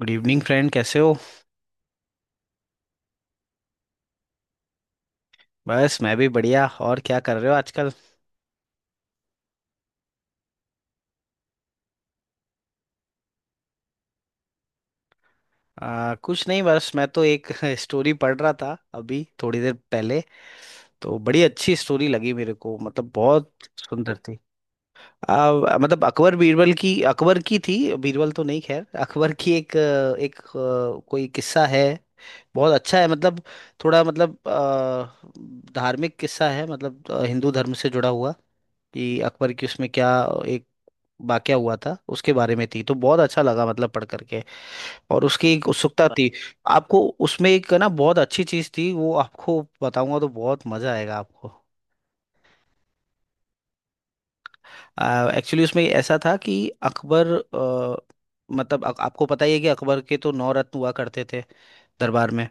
Good evening friend, कैसे हो? बस मैं भी बढ़िया, और क्या कर रहे हो आजकल? कुछ नहीं, बस मैं तो एक स्टोरी पढ़ रहा था अभी थोड़ी देर पहले। तो बड़ी अच्छी स्टोरी लगी मेरे को, मतलब बहुत सुंदर थी। आ, मतलब अकबर बीरबल की, अकबर की थी, बीरबल तो नहीं, खैर अकबर की कोई किस्सा है। बहुत अच्छा है, मतलब थोड़ा मतलब धार्मिक किस्सा है, मतलब हिंदू धर्म से जुड़ा हुआ। कि अकबर की उसमें क्या एक वाकया हुआ था, उसके बारे में थी, तो बहुत अच्छा लगा मतलब पढ़ करके। और उसकी एक उत्सुकता थी। आपको उसमें एक ना बहुत अच्छी चीज थी, वो आपको बताऊंगा तो बहुत मजा आएगा आपको। एक्चुअली उसमें ऐसा था कि अकबर मतलब आपको पता ही है कि अकबर के तो नौ रत्न हुआ करते थे दरबार में।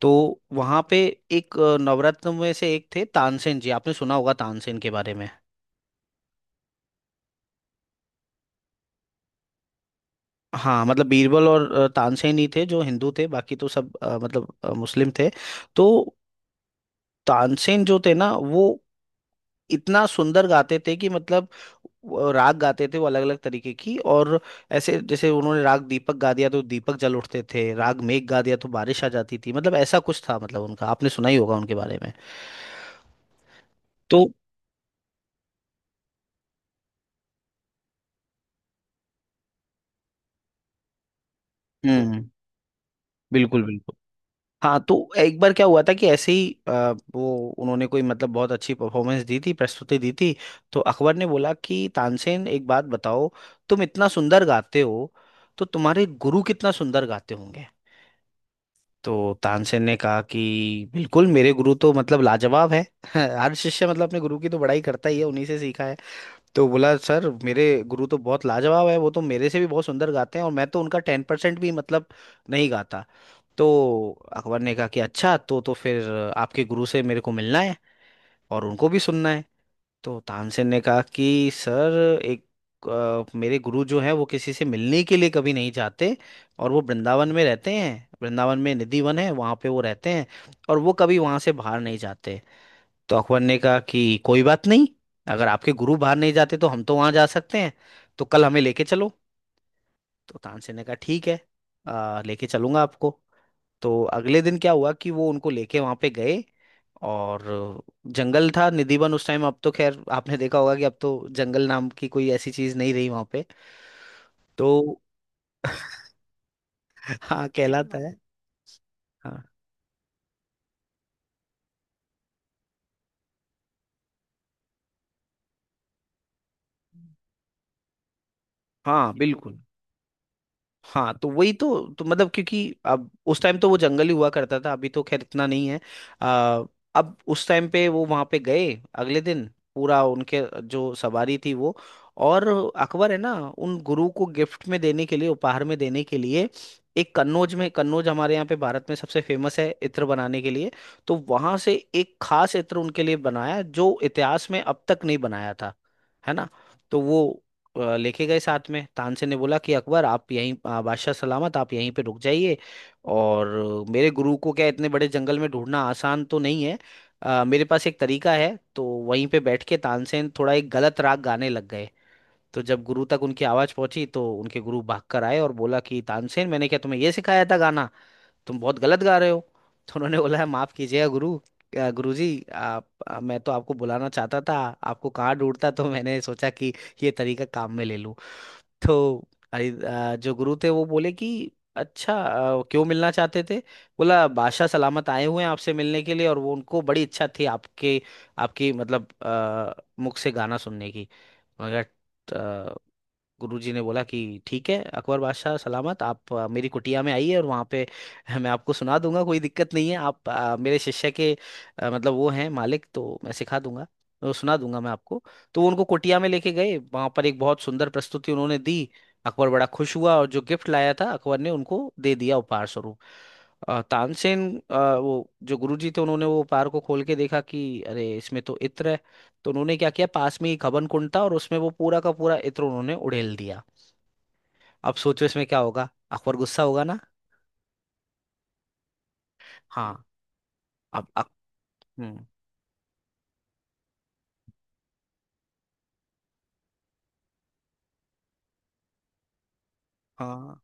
तो वहां पे नवरत्न में से एक थे तानसेन जी, आपने सुना होगा तानसेन के बारे में। हाँ, मतलब बीरबल और तानसेन ही थे जो हिंदू थे, बाकी तो सब मतलब मुस्लिम थे। तो तानसेन जो थे ना वो इतना सुंदर गाते थे कि मतलब वो राग गाते थे वो अलग अलग तरीके की, और ऐसे जैसे उन्होंने राग दीपक गा दिया तो दीपक जल उठते थे, राग मेघ गा दिया तो बारिश आ जाती थी, मतलब ऐसा कुछ था, मतलब उनका आपने सुना ही होगा उनके बारे में। तो हम्म, बिल्कुल बिल्कुल। हाँ, तो एक बार क्या हुआ था कि ऐसे ही वो उन्होंने कोई, मतलब बहुत अच्छी परफॉर्मेंस दी थी, प्रस्तुति दी थी। तो अकबर ने बोला कि तानसेन एक बात बताओ, तुम इतना सुंदर गाते हो तो तुम्हारे गुरु कितना सुंदर गाते होंगे। तो तानसेन ने कहा कि बिल्कुल, मेरे गुरु तो मतलब लाजवाब है। हर शिष्य मतलब अपने गुरु की तो बड़ाई करता ही है, उन्हीं से सीखा है। तो बोला सर, मेरे गुरु तो बहुत लाजवाब है, वो तो मेरे से भी बहुत सुंदर गाते हैं और मैं तो उनका 10% भी मतलब नहीं गाता। तो अकबर ने कहा कि अच्छा तो फिर आपके गुरु से मेरे को मिलना है और उनको भी सुनना है। तो तानसेन ने कहा कि सर, मेरे गुरु जो है वो किसी से मिलने के लिए कभी नहीं जाते, और वो वृंदावन में रहते हैं, वृंदावन में निधि वन है, वहाँ पे वो रहते हैं, और वो कभी वहाँ से बाहर नहीं जाते। तो अकबर ने कहा कि कोई बात नहीं, अगर आपके गुरु बाहर नहीं जाते तो हम तो वहाँ जा सकते हैं, तो कल हमें लेके चलो। तो तानसेन ने कहा ठीक है, लेके चलूंगा आपको। तो अगले दिन क्या हुआ कि वो उनको लेके वहां पे गए, और जंगल था निधिवन उस टाइम, अब तो खैर आपने देखा होगा कि अब तो जंगल नाम की कोई ऐसी चीज नहीं रही वहां पे। तो हाँ, कहलाता है। हाँ हाँ बिल्कुल। हाँ, तो वही तो मतलब क्योंकि अब उस टाइम तो वो जंगल ही हुआ करता था, अभी तो खैर इतना नहीं है। आ, अब उस टाइम पे वो वहां पे गए अगले दिन। पूरा उनके जो सवारी थी वो, और अकबर है ना उन गुरु को गिफ्ट में देने के लिए, उपहार में देने के लिए एक कन्नौज में, कन्नौज हमारे यहाँ पे भारत में सबसे फेमस है इत्र बनाने के लिए, तो वहां से एक खास इत्र उनके लिए बनाया जो इतिहास में अब तक नहीं बनाया था, है ना। तो वो लेके गए साथ में। तानसेन ने बोला कि अकबर आप यहीं, बादशाह सलामत आप यहीं पे रुक जाइए और मेरे गुरु को क्या इतने बड़े जंगल में ढूंढना आसान तो नहीं है, मेरे पास एक तरीका है। तो वहीं पे बैठ के तानसेन थोड़ा एक गलत राग गाने लग गए। तो जब गुरु तक उनकी आवाज पहुंची तो उनके गुरु भाग कर आए और बोला कि तानसेन मैंने क्या तुम्हें ये सिखाया था गाना, तुम बहुत गलत गा रहे हो। तो उन्होंने बोला माफ कीजिएगा गुरु, गुरुजी आप, मैं तो आपको बुलाना चाहता था, आपको कहाँ ढूंढता? तो मैंने सोचा कि ये तरीका काम में ले लूं। तो जो गुरु थे वो बोले कि अच्छा, क्यों मिलना चाहते थे? बोला बादशाह सलामत आए हुए हैं आपसे मिलने के लिए और वो उनको बड़ी इच्छा थी आपके, आपकी मतलब मुख से गाना सुनने की, मैंने कहा। गुरुजी ने बोला कि ठीक है अकबर बादशाह सलामत, आप मेरी कुटिया में आइए और वहाँ पे मैं आपको सुना दूंगा, कोई दिक्कत नहीं है। आप, मेरे शिष्य के मतलब वो हैं मालिक तो मैं सिखा दूंगा, वो सुना दूंगा मैं आपको। तो वो उनको कुटिया में लेके गए, वहाँ पर एक बहुत सुंदर प्रस्तुति उन्होंने दी। अकबर बड़ा खुश हुआ और जो गिफ्ट लाया था अकबर ने उनको दे दिया उपहार स्वरूप। वो जो गुरुजी थे उन्होंने वो उपहार को खोल के देखा कि अरे इसमें तो इत्र है। तो उन्होंने क्या किया, पास में ही खबन कुंड था और उसमें वो पूरा का पूरा इत्र उन्होंने उड़ेल दिया। अब सोचो इसमें क्या होगा, अकबर गुस्सा होगा ना। हाँ। अब अक... हम्म। हाँ,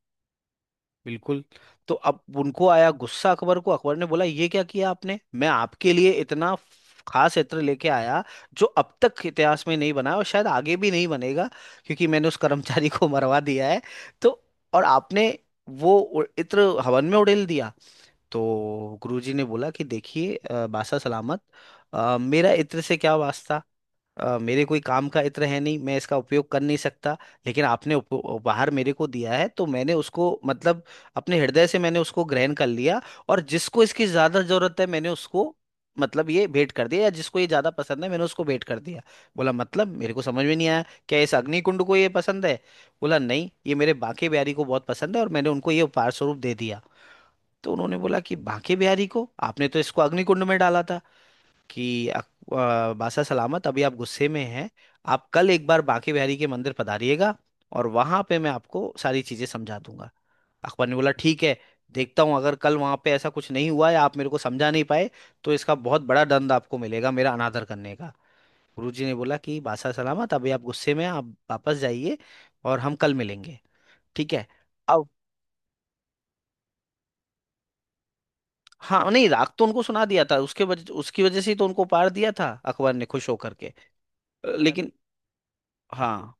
बिल्कुल। तो अब उनको आया गुस्सा अकबर को, अकबर ने बोला ये क्या किया आपने, मैं आपके लिए इतना खास इत्र लेके आया जो अब तक इतिहास में नहीं बना और शायद आगे भी नहीं बनेगा, क्योंकि मैंने उस कर्मचारी को मरवा दिया है। तो और आपने वो इत्र हवन में उड़ेल दिया। तो गुरुजी ने बोला कि देखिए बासा सलामत, मेरा इत्र से क्या वास्ता? मेरे कोई काम का इत्र है नहीं, मैं इसका उपयोग कर नहीं सकता। लेकिन आपने उपहार मेरे को दिया है तो मैंने उसको मतलब अपने हृदय से मैंने उसको ग्रहण कर लिया, और जिसको इसकी ज्यादा जरूरत है मैंने उसको मतलब ये भेंट कर दिया, या जिसको ये ज्यादा पसंद है मैंने उसको भेंट कर दिया। बोला मतलब मेरे को समझ में नहीं आया, क्या इस अग्नि कुंड को ये पसंद है? बोला नहीं, ये मेरे बांके बिहारी को बहुत पसंद है और मैंने उनको ये उपहार स्वरूप दे दिया। तो उन्होंने बोला कि बांके बिहारी को, आपने तो इसको अग्निकुंड में डाला था। कि बासा सलामत अभी आप गुस्से में हैं, आप कल एक बार बांके बिहारी के मंदिर पधारिएगा और वहां पे मैं आपको सारी चीजें समझा दूंगा। अकबर ने बोला ठीक है, देखता हूं अगर कल वहां पे ऐसा कुछ नहीं हुआ या आप मेरे को समझा नहीं पाए तो इसका बहुत बड़ा दंड आपको मिलेगा, मेरा अनादर करने का। गुरुजी ने बोला कि बासा सलामत अभी आप गुस्से में हैं, आप वापस जाइए, और हम कल मिलेंगे, ठीक है। अब, हाँ नहीं, राग तो उनको सुना दिया था, उसके वजह, उसकी वजह से ही तो उनको पार दिया था अकबर ने खुश होकर के। लेकिन, हाँ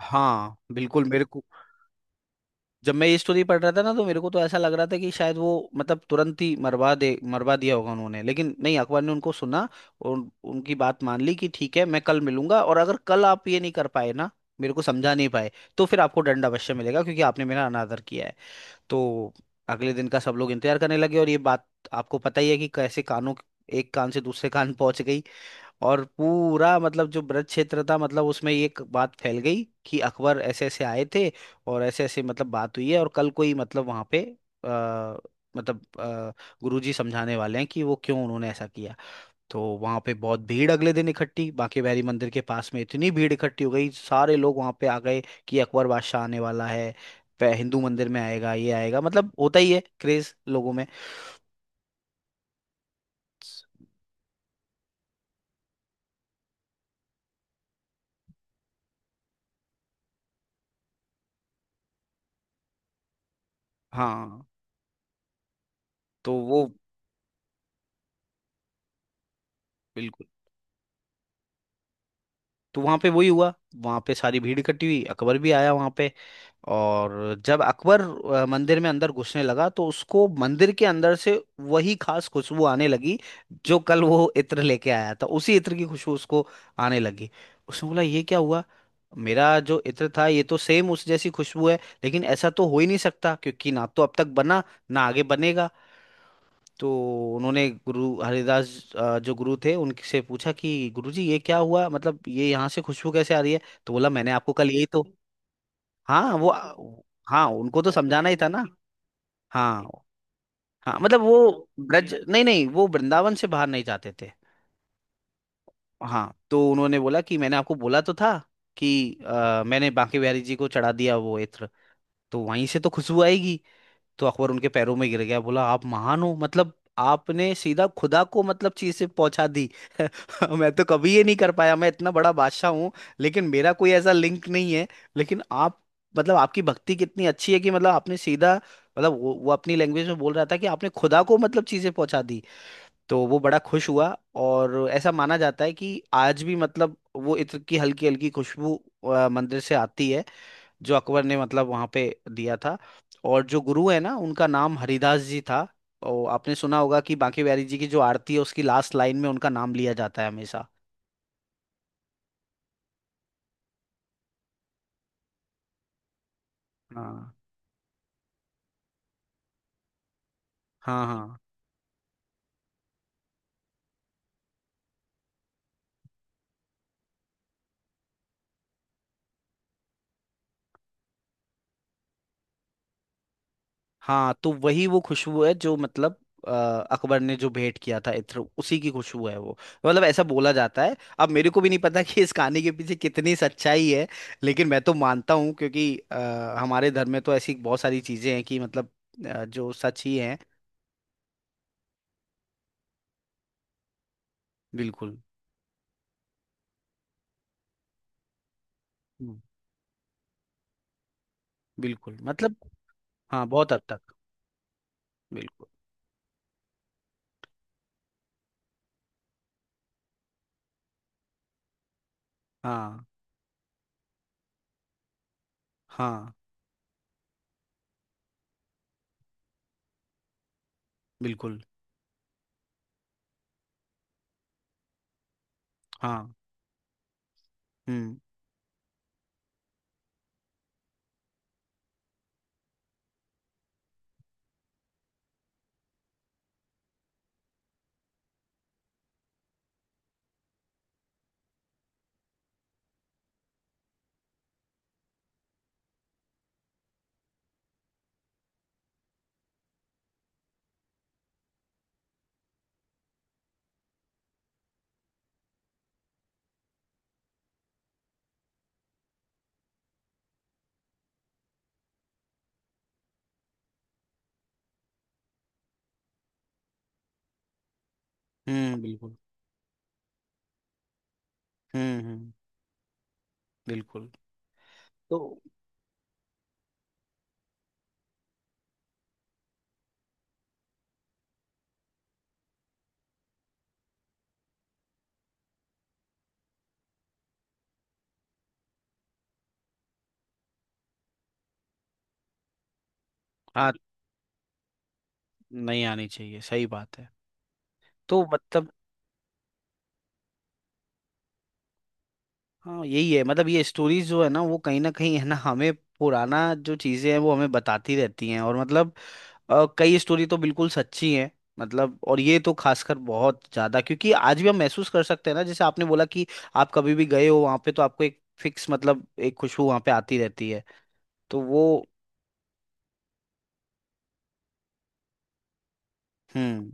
हाँ बिल्कुल। मेरे को जब मैं ये स्टोरी पढ़ रहा था ना तो मेरे को तो ऐसा लग रहा था कि शायद वो मतलब तुरंत ही मरवा दे, मरवा दिया होगा उन्होंने, लेकिन नहीं, अकबर ने उनको सुना और उनकी बात मान ली कि ठीक है मैं कल मिलूंगा, और अगर कल आप ये नहीं कर पाए ना, मेरे को समझा नहीं पाए, तो फिर आपको दंड अवश्य मिलेगा क्योंकि आपने मेरा अनादर किया है। तो अगले दिन का सब लोग इंतजार करने लगे, और ये बात, आपको पता ही है कि कैसे, कानों, एक कान से दूसरे कान पहुंच गई, और पूरा मतलब जो ब्रज क्षेत्र था मतलब उसमें ये एक बात फैल गई कि अकबर ऐसे ऐसे आए थे और ऐसे ऐसे मतलब बात हुई है और कल कोई मतलब वहां पे आ, मतलब गुरुजी समझाने वाले हैं कि वो क्यों उन्होंने ऐसा किया। तो वहां पे बहुत भीड़ अगले दिन इकट्ठी, बांके बिहारी मंदिर के पास में इतनी भीड़ इकट्ठी हो गई, सारे लोग वहां पे आ गए कि अकबर बादशाह आने वाला है, हिंदू मंदिर में आएगा, ये आएगा, मतलब होता ही है क्रेज लोगों में। हाँ तो वो, बिल्कुल। तो वहां पे वही हुआ, वहां पे सारी भीड़ इकट्ठी हुई, अकबर भी आया वहां पे, और जब अकबर मंदिर में अंदर घुसने लगा तो उसको मंदिर के अंदर से वही खास खुशबू आने लगी, जो कल वो इत्र लेके आया था उसी इत्र की खुशबू उसको आने लगी। उसने बोला ये क्या हुआ, मेरा जो इत्र था ये तो सेम उस जैसी खुशबू है, लेकिन ऐसा तो हो ही नहीं सकता क्योंकि ना तो अब तक बना, ना आगे बनेगा। तो उन्होंने गुरु हरिदास, जो गुरु थे उनसे पूछा कि गुरुजी ये क्या हुआ, मतलब ये यहाँ से खुशबू कैसे आ रही है? तो बोला मैंने आपको कल यही तो। हाँ वो। हाँ, उनको तो समझाना ही था ना। हाँ हाँ मतलब वो ब्रज, नहीं नहीं, वो वृंदावन से बाहर नहीं जाते थे। हाँ तो उन्होंने बोला कि मैंने आपको बोला तो था कि मैंने बांके बिहारी जी को चढ़ा दिया वो इत्र, तो वहीं से तो खुशबू आएगी। तो अकबर उनके पैरों में गिर गया, बोला आप महान हो मतलब आपने सीधा खुदा को मतलब चीज से पहुंचा दी। मैं तो कभी ये नहीं कर पाया, मैं इतना बड़ा बादशाह हूँ लेकिन मेरा कोई ऐसा लिंक नहीं है, लेकिन आप मतलब आपकी भक्ति कितनी अच्छी है कि मतलब आपने सीधा मतलब वो अपनी लैंग्वेज में बोल रहा था कि आपने खुदा को मतलब चीजें पहुंचा दी। तो वो बड़ा खुश हुआ। और ऐसा माना जाता है कि आज भी मतलब वो इत्र की हल्की हल्की खुशबू मंदिर से आती है, जो अकबर ने मतलब वहां पे दिया था। और जो गुरु है ना, उनका नाम हरिदास जी था, और आपने सुना होगा कि बांके बिहारी जी की जो आरती है उसकी लास्ट लाइन में उनका नाम लिया जाता है हमेशा। हाँ हाँ हाँ हाँ। तो वही वो खुशबू है जो मतलब अ, अकबर ने जो भेंट किया था इत्र, उसी की खुशबू है वो। मतलब ऐसा बोला जाता है। अब मेरे को भी नहीं पता कि इस कहानी के पीछे कितनी सच्चाई है, लेकिन मैं तो मानता हूँ, क्योंकि हमारे धर्म में तो ऐसी बहुत सारी चीजें हैं कि मतलब जो सच ही है। बिल्कुल बिल्कुल, मतलब हाँ बहुत हद तक। बिल्कुल। हाँ हाँ बिल्कुल। हाँ, हम्म बिल्कुल। हम्म हम्म बिल्कुल। हाँ नहीं, आनी चाहिए, सही बात है। तो मतलब, हाँ यही है मतलब, ये स्टोरीज जो है ना वो कहीं ना कहीं है ना हमें पुराना जो चीजें हैं वो हमें बताती रहती हैं, और मतलब कई स्टोरी तो बिल्कुल सच्ची हैं, मतलब, और ये तो खासकर बहुत ज्यादा, क्योंकि आज भी हम महसूस कर सकते हैं ना जैसे आपने बोला कि आप कभी भी गए हो वहां पे तो आपको एक फिक्स मतलब एक खुशबू वहां पे आती रहती है। तो वो, हम्म।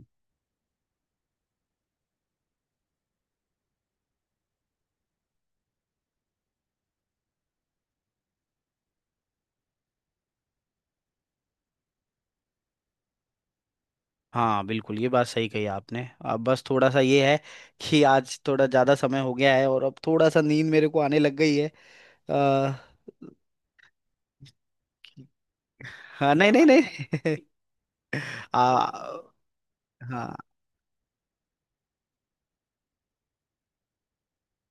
हाँ बिल्कुल, ये बात सही कही आपने। अब बस थोड़ा सा ये है कि आज थोड़ा ज़्यादा समय हो गया है और अब थोड़ा सा नींद मेरे को आने लग गई है। आ, हाँ नहीं नहीं नहीं। आ, हाँ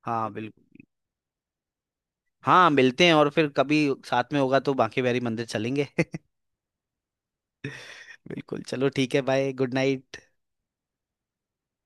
हाँ बिल्कुल। हाँ मिलते हैं, और फिर कभी साथ में होगा तो बांके बिहारी मंदिर चलेंगे। बिल्कुल, चलो ठीक है। Bye, good night.